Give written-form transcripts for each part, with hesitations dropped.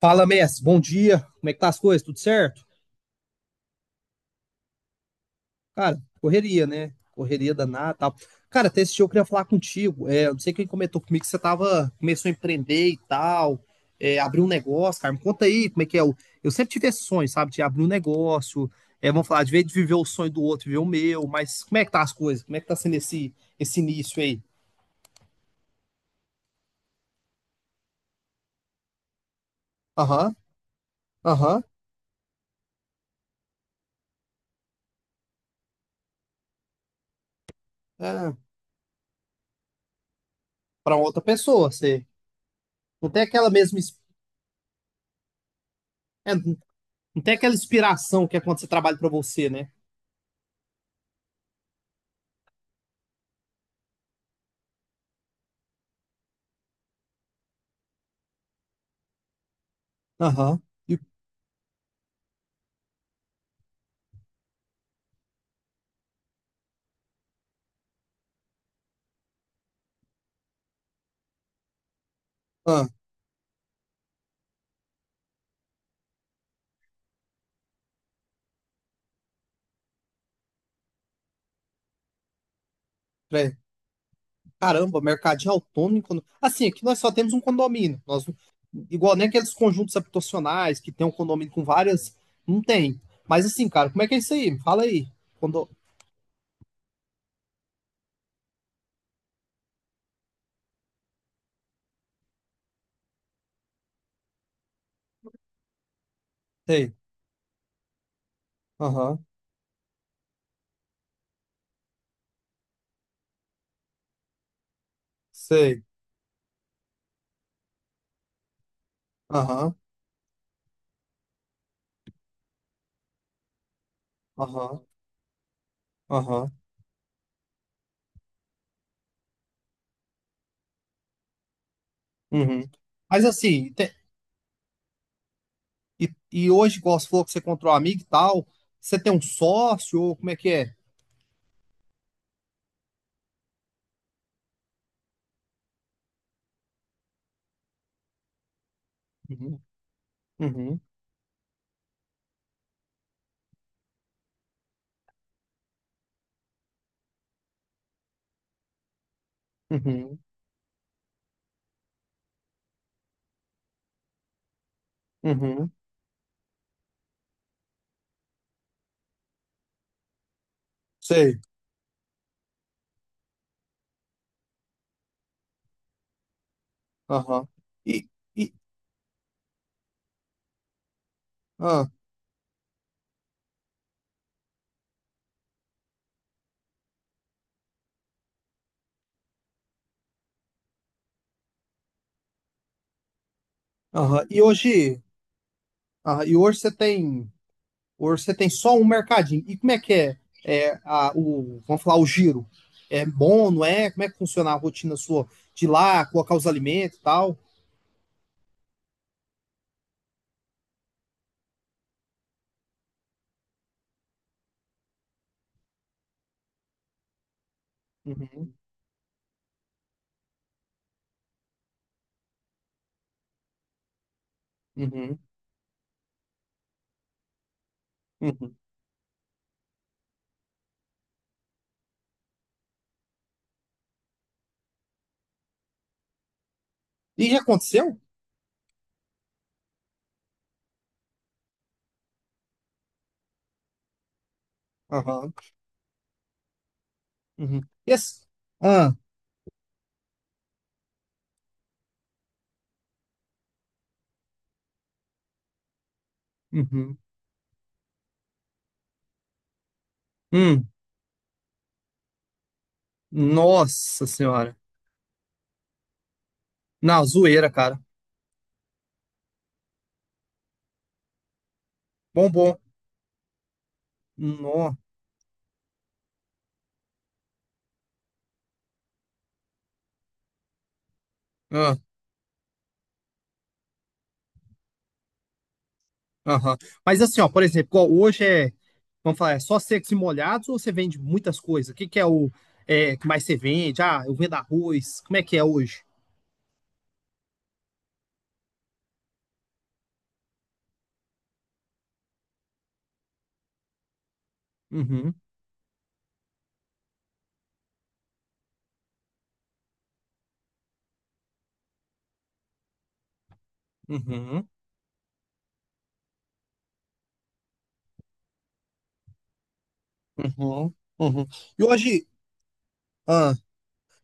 Fala, mestre. Bom dia. Como é que tá as coisas? Tudo certo? Cara, correria, né? Correria danada, e tal. Cara, até esse dia eu queria falar contigo. Eu não sei quem comentou comigo que você tava, começou a empreender e tal, abriu um negócio, cara. Me conta aí como é que é. Eu sempre tive esse sonho, sabe, de abrir um negócio. É, vamos falar, de vez de viver o sonho do outro, viver o meu, mas como é que tá as coisas? Como é que tá sendo esse início aí? Aham, aham. É, pra outra pessoa, você não tem aquela mesma, não tem aquela inspiração que é quando você trabalha pra você, né? Aham. E, ah, peraí. Caramba, mercadinho autônomo. Assim, aqui nós só temos um condomínio. Nós, igual nem aqueles conjuntos habitacionais que tem um condomínio com várias. Não tem. Mas assim, cara, como é que é isso aí? Me Fala aí. Condo... Sei. Aham. Sei. Aham. Aham. Aham. Uhum. Mas assim, e hoje, igual você falou que você encontrou um amigo e tal, você tem um sócio ou como é que é? Uhum. Uhum. Uhum. Uhum. Sei. Aham. E, e, ah. Aham. E hoje você tem só um mercadinho. E como é que é, é vamos falar, o giro? É bom, não é? Como é que funciona a rotina sua de ir lá, colocar os alimentos e tal? Uhum, uhum, uhum. E já aconteceu? Aham. Uhum. Esse- Ah, uhum. Hum, nossa senhora. Não, zoeira, cara. Bom, bom. Nó. Aham. Mas assim, ó, por exemplo, igual hoje vamos falar, é só secos e molhados ou você vende muitas coisas? O que que é que mais você vende? Ah, eu vendo arroz. Como é que é hoje? Uhum, uhum, uhum, uhum. E hoje, ah,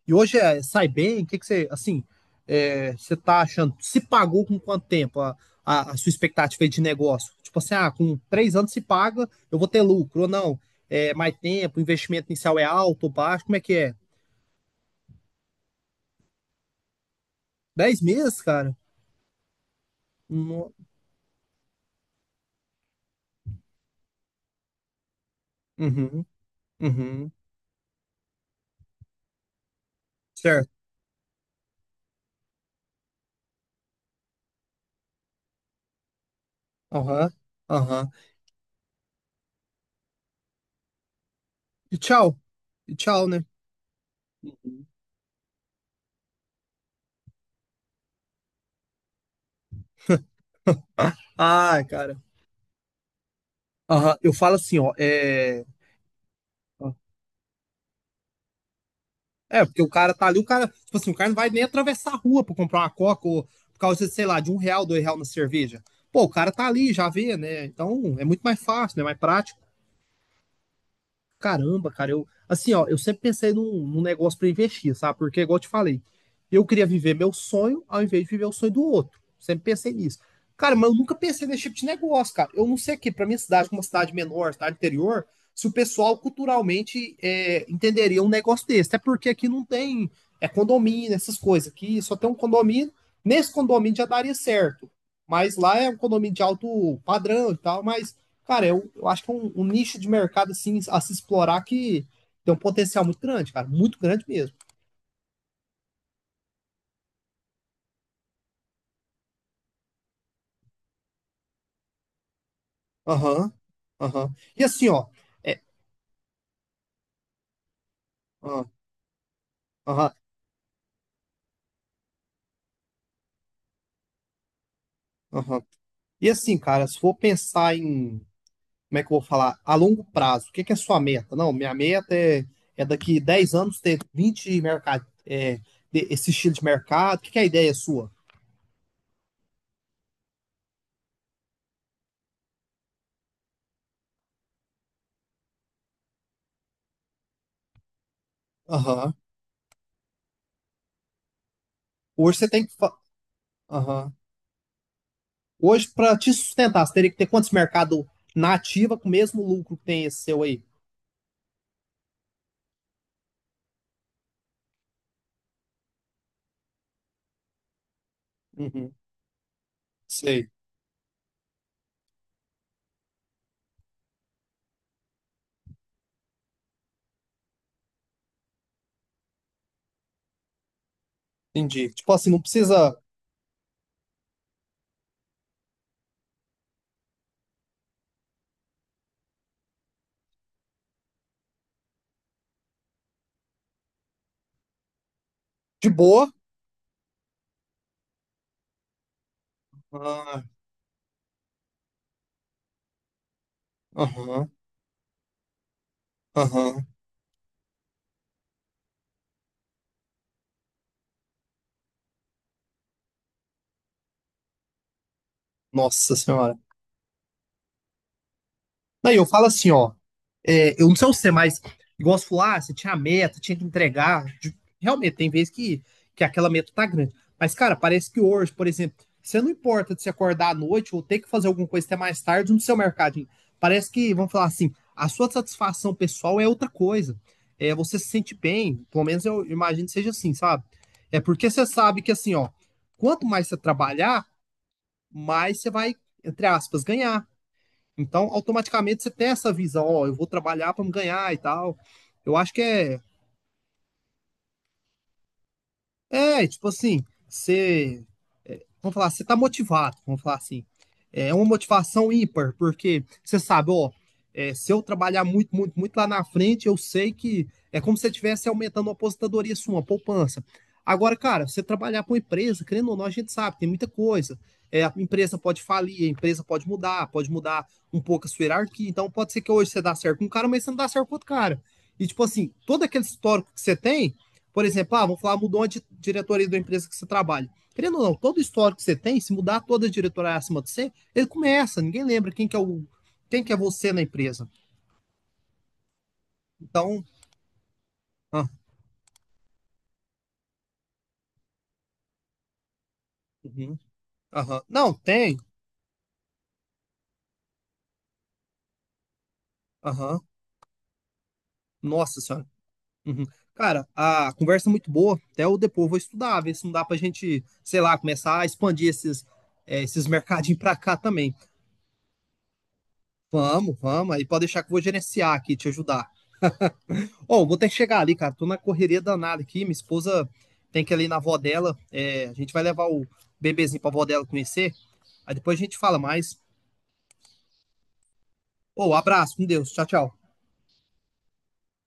e hoje é, sai bem? O que que você, assim, você tá achando? Se pagou com quanto tempo a sua expectativa de negócio? Tipo assim, ah, com 3 anos se paga, eu vou ter lucro ou não? É, mais tempo, o investimento inicial é alto ou baixo? Como é que é? 10 meses, cara? Uhum, uhum, certo. Aham, aham. E tchau. E tchau, né? Uhum. Ai, cara. Aham, eu falo assim, ó, é... É, porque o cara tá ali, o cara... Tipo assim, o cara não vai nem atravessar a rua pra comprar uma coca ou por causa, de, sei lá, de um real, dois real na cerveja. Pô, o cara tá ali, já vê, né? Então, é muito mais fácil, né? Mais prático. Caramba, cara, eu assim, ó, eu sempre pensei num negócio pra investir, sabe? Porque, igual eu te falei, eu queria viver meu sonho ao invés de viver o sonho do outro. Sempre pensei nisso. Cara, mas eu nunca pensei nesse tipo de negócio, cara. Eu não sei aqui, pra minha cidade, como uma cidade menor, cidade interior, se o pessoal culturalmente entenderia um negócio desse. Até porque aqui não tem condomínio, essas coisas. Aqui só tem um condomínio. Nesse condomínio já daria certo. Mas lá é um condomínio de alto padrão e tal, mas. Cara, eu acho que é um nicho de mercado assim a se explorar que tem um potencial muito grande, cara, muito grande mesmo. Aham, aham. E assim, ó, é, aham, aham, aham. E assim, cara, se for pensar em, como é que eu vou falar, a longo prazo, o que que é a sua meta? Não, minha meta é, é daqui 10 anos ter 20 mercado, esse estilo de mercado, o que que é a ideia sua? Aham. Hoje você tem que. Aham. Hoje, para te sustentar, você teria que ter quantos mercados na ativa com o mesmo lucro que tem esse seu aí? Uhum. Sei, entendi. Tipo assim, não precisa de boa. Ah, Aham, aham. Nossa senhora. Aí eu falo assim, ó. É, eu não sei você, mas igual você falou, ah, você tinha a meta, tinha que entregar. Realmente, tem vezes que aquela meta tá grande. Mas, cara, parece que hoje, por exemplo, você não importa de se acordar à noite ou ter que fazer alguma coisa até mais tarde no seu mercadinho. Parece que, vamos falar assim, a sua satisfação pessoal é outra coisa. É, você se sente bem, pelo menos eu imagino que seja assim, sabe? É porque você sabe que assim, ó, quanto mais você trabalhar, mais você vai, entre aspas, ganhar. Então, automaticamente você tem essa visão, ó, eu vou trabalhar para me ganhar e tal. Eu acho que é, é tipo assim, você vamos falar, você tá motivado, vamos falar assim. É uma motivação ímpar, porque você sabe, ó, se eu trabalhar muito, muito, muito lá na frente, eu sei que é como se você estivesse aumentando a aposentadoria sua, uma poupança. Agora, cara, você trabalhar para uma empresa, querendo ou não, a gente sabe, tem muita coisa. É, a empresa pode falir, a empresa pode mudar um pouco a sua hierarquia. Então, pode ser que hoje você dá certo com um cara, mas você não dá certo com outro cara. E, tipo assim, todo aquele histórico que você tem, por exemplo, ah, vamos falar, mudou a diretoria da empresa que você trabalha. Querendo ou não, todo o histórico que você tem, se mudar toda a diretoria acima de você, ele começa, ninguém lembra quem que é o, quem que é você na empresa. Então, ah, uhum, aham. Não, tem. Aham. Nossa senhora. Uhum. Cara, a conversa é muito boa. Até eu depois vou estudar, ver se não dá pra gente, sei lá, começar a expandir esses mercadinhos pra cá também. Vamos, vamos. Aí pode deixar que eu vou gerenciar aqui, te ajudar. Ó, vou ter que chegar ali, cara. Tô na correria danada aqui. Minha esposa tem que ir ali na avó dela. É, a gente vai levar o bebezinho pra avó dela conhecer. Aí depois a gente fala mais. Ô, abraço, com Deus. Tchau, tchau.